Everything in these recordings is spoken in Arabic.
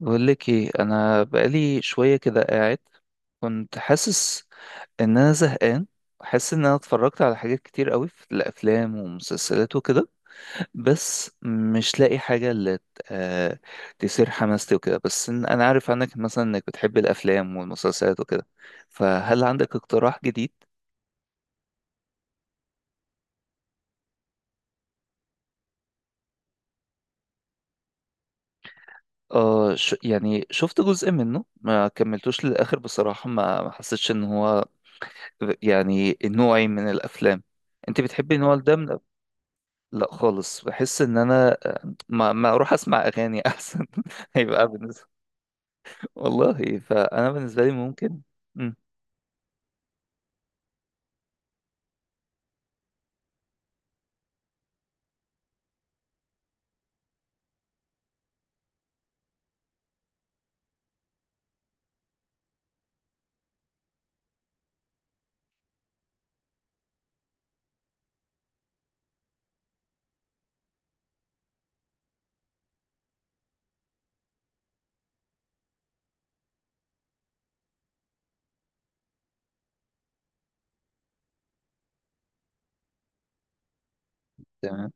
بقول لك ايه؟ انا بقالي شويه كده قاعد، كنت حاسس ان انا زهقان. حاسس ان انا اتفرجت على حاجات كتير قوي في الافلام ومسلسلات وكده، بس مش لاقي حاجه اللي آه، تثير حماستي وكده. بس انا عارف عنك مثلا انك بتحب الافلام والمسلسلات وكده، فهل عندك اقتراح جديد؟ يعني شفت جزء منه، ما كملتوش للاخر بصراحه. ما حسيتش ان هو يعني نوعي من الافلام. انت بتحبي النوع ده من؟ لا خالص، بحس ان انا ما اروح اسمع اغاني احسن هيبقى بالنسبه. والله فانا بالنسبه لي ممكن. مم. تمام.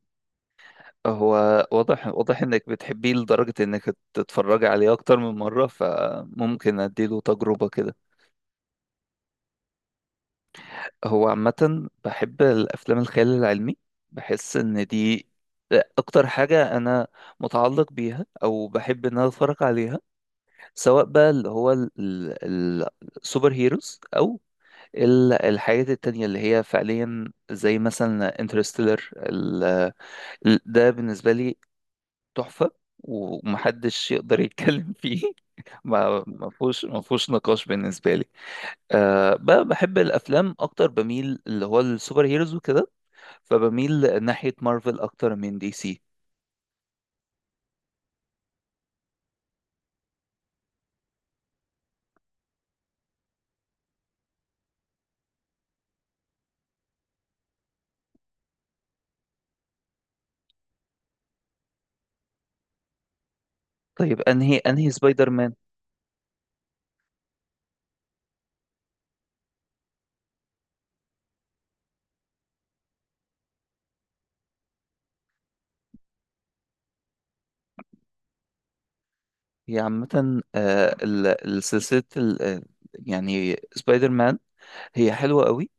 هو واضح واضح انك بتحبيه لدرجه انك تتفرجي عليه اكتر من مره، فممكن اديله تجربه كده. هو عامه بحب الافلام الخيال العلمي، بحس ان دي اكتر حاجه انا متعلق بيها او بحب ان انا اتفرج عليها. سواء بقى اللي هو ال- السوبر هيروز، او الحاجات التانية اللي هي فعليا زي مثلا انترستيلر. ده بالنسبة لي تحفة، ومحدش يقدر يتكلم فيه ما فيهوش نقاش بالنسبة لي. بحب الأفلام أكتر، بميل اللي هو السوبر هيروز وكده، فبميل ناحية مارفل أكتر من دي سي. طيب، أنهي سبايدر مان؟ هي عامة، السلسلة، يعني سبايدر مان، هي حلوة قوي.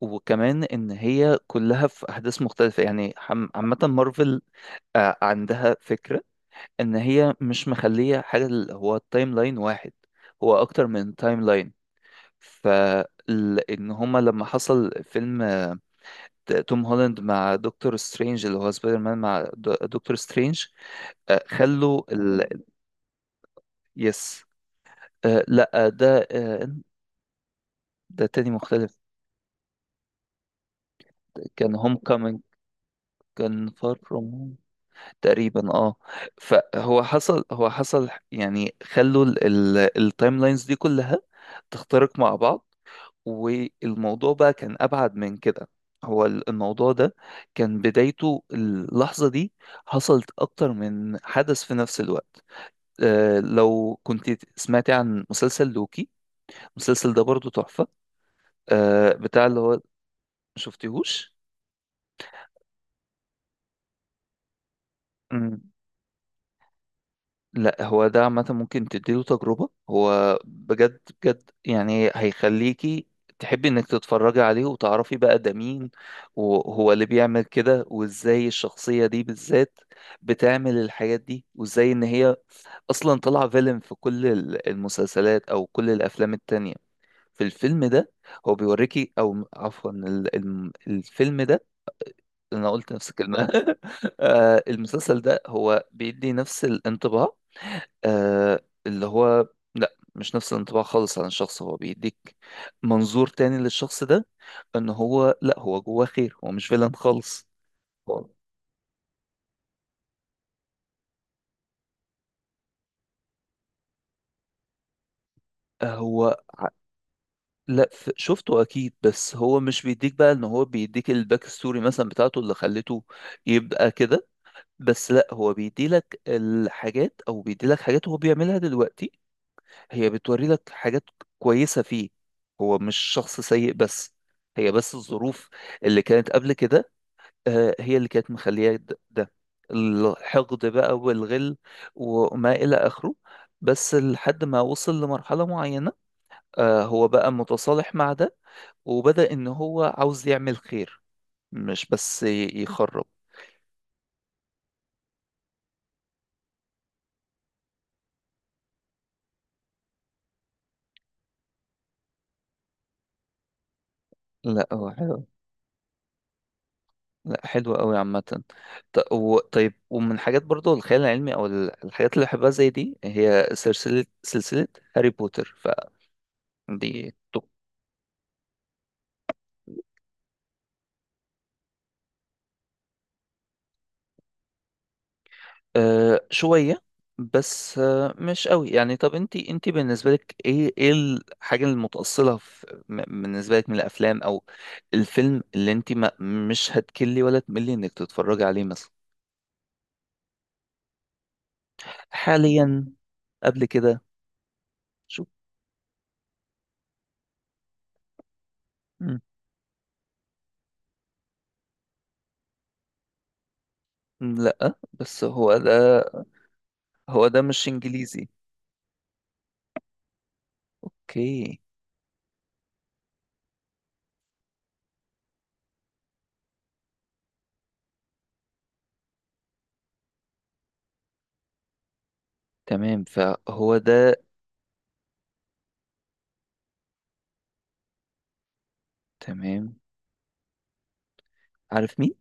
وكمان ان هي كلها في احداث مختلفه يعني. عامه، مارفل عندها فكره ان هي مش مخليه حاجه اللي هو التايم لاين واحد، هو اكتر من تايم لاين. فان هما لما حصل فيلم توم هولاند مع دكتور سترينج، اللي هو سبايدر مان مع دكتور سترينج، خلوا يس. آه، لا. آه، ده تاني مختلف. كان هوم كومينج. كان فار فروم تقريبا. اه. فهو حصل، يعني خلوا التايم لاينز دي كلها تخترق مع بعض. والموضوع بقى كان ابعد من كده. هو الموضوع ده كان بدايته اللحظة دي، حصلت اكتر من حدث في نفس الوقت. لو كنت سمعتي عن مسلسل لوكي، المسلسل ده برضو تحفة. بتاع اللي هو. شفتيهوش؟ لا هو ده عامة ممكن تديله تجربة، هو بجد بجد يعني هيخليكي تحبي انك تتفرجي عليه وتعرفي بقى ده مين، وهو اللي بيعمل كده وازاي الشخصية دي بالذات بتعمل الحاجات دي، وازاي ان هي اصلا طالعة فيلم في كل المسلسلات او كل الافلام التانية. في الفيلم ده، هو بيوريكي، او عفوا الفيلم ده، انا قلت نفس الكلمة المسلسل ده هو بيدي نفس الانطباع. آه، اللي هو، لا مش نفس الانطباع خالص عن الشخص، هو بيديك منظور تاني للشخص ده، ان هو لا، هو جواه خير، هو مش فيلن خالص. آه، هو. لا شفته اكيد، بس هو مش بيديك بقى ان هو بيديك الباك ستوري مثلا بتاعته اللي خلته يبقى كده. بس لا، هو بيديلك الحاجات او بيديلك حاجات هو بيعملها دلوقتي، هي بتوري لك حاجات كويسة فيه. هو مش شخص سيء، بس هي بس الظروف اللي كانت قبل كده، هي اللي كانت مخلياه ده الحقد بقى والغل وما إلى آخره. بس لحد ما وصل لمرحلة معينة، هو بقى متصالح مع ده، وبدأ إن هو عاوز يعمل خير، مش بس يخرب. لا هو حلو. لا حلو قوي عامة. طيب، ومن حاجات برضو الخيال العلمي أو الحاجات اللي بحبها زي دي، هي سلسلة هاري بوتر، فدي... آه، شوية، بس آه مش قوي يعني. طب، انت بالنسبة لك ايه الحاجة المتأصلة بالنسبة لك من الافلام، او الفيلم اللي انت ما مش هتكلي ولا تملي انك تتفرجي عليه مثلا؟ حاليا؟ قبل كده؟ شوف. مم. لا، بس هو ده مش انجليزي. اوكي. تمام، فهو ده. تمام. عارف مين؟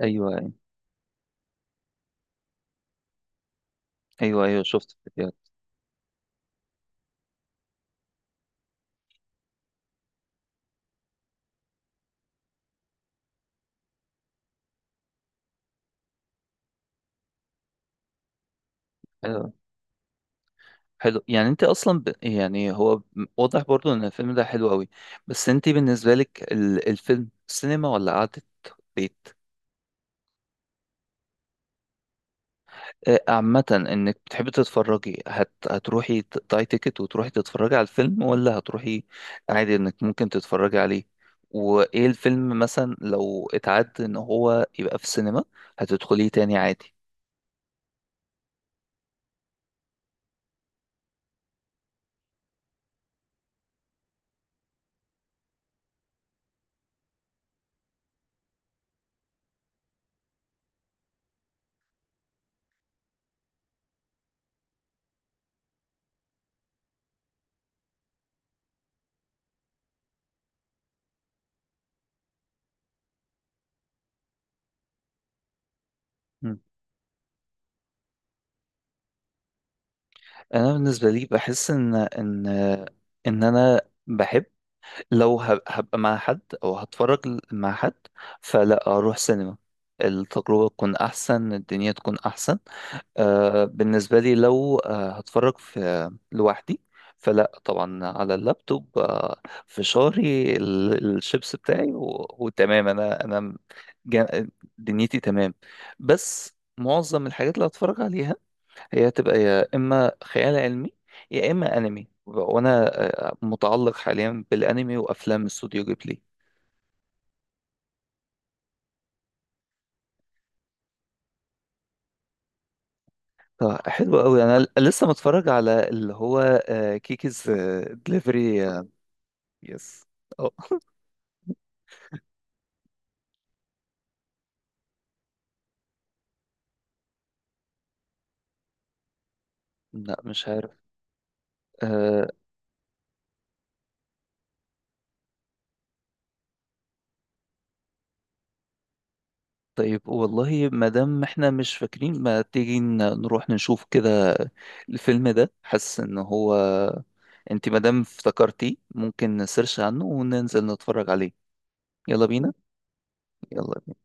ايوه، ايوه، ايوه، شفت الفيديوهات. حلو. يعني انت اصلا يعني هو واضح برضو ان الفيلم ده حلو قوي. بس انت بالنسبه لك الفيلم سينما ولا قعده بيت؟ عامه انك بتحبي تتفرجي، هتروحي تقطعي تيكت وتروحي تتفرجي على الفيلم، ولا هتروحي عادي انك ممكن تتفرجي عليه؟ وايه الفيلم مثلا لو اتعد ان هو يبقى في السينما، هتدخليه تاني عادي؟ مم. انا بالنسبه لي بحس ان انا بحب، لو هبقى مع حد او هتفرج مع حد، فلا، اروح سينما، التجربة تكون احسن، الدنيا تكون احسن. بالنسبة لي لو هتفرج في لوحدي، فلا طبعا على اللابتوب. فشاري الشيبس بتاعي وتمام، انا جا- دنيتي تمام. بس معظم الحاجات اللي هتفرج عليها هي هتبقى يا اما خيال علمي، يا اما انمي، وانا متعلق حاليا بالانمي وافلام استوديو جيبلي. طب حلو قوي. انا لسه متفرج على اللي هو كيكيز دليفري. يس. اه. لا، مش عارف. آه، طيب، والله ما دام احنا مش فاكرين، ما تيجي نروح نشوف كده الفيلم ده، حاسس ان هو انت ما دام افتكرتيه ممكن نسيرش عنه وننزل نتفرج عليه. يلا بينا. يلا.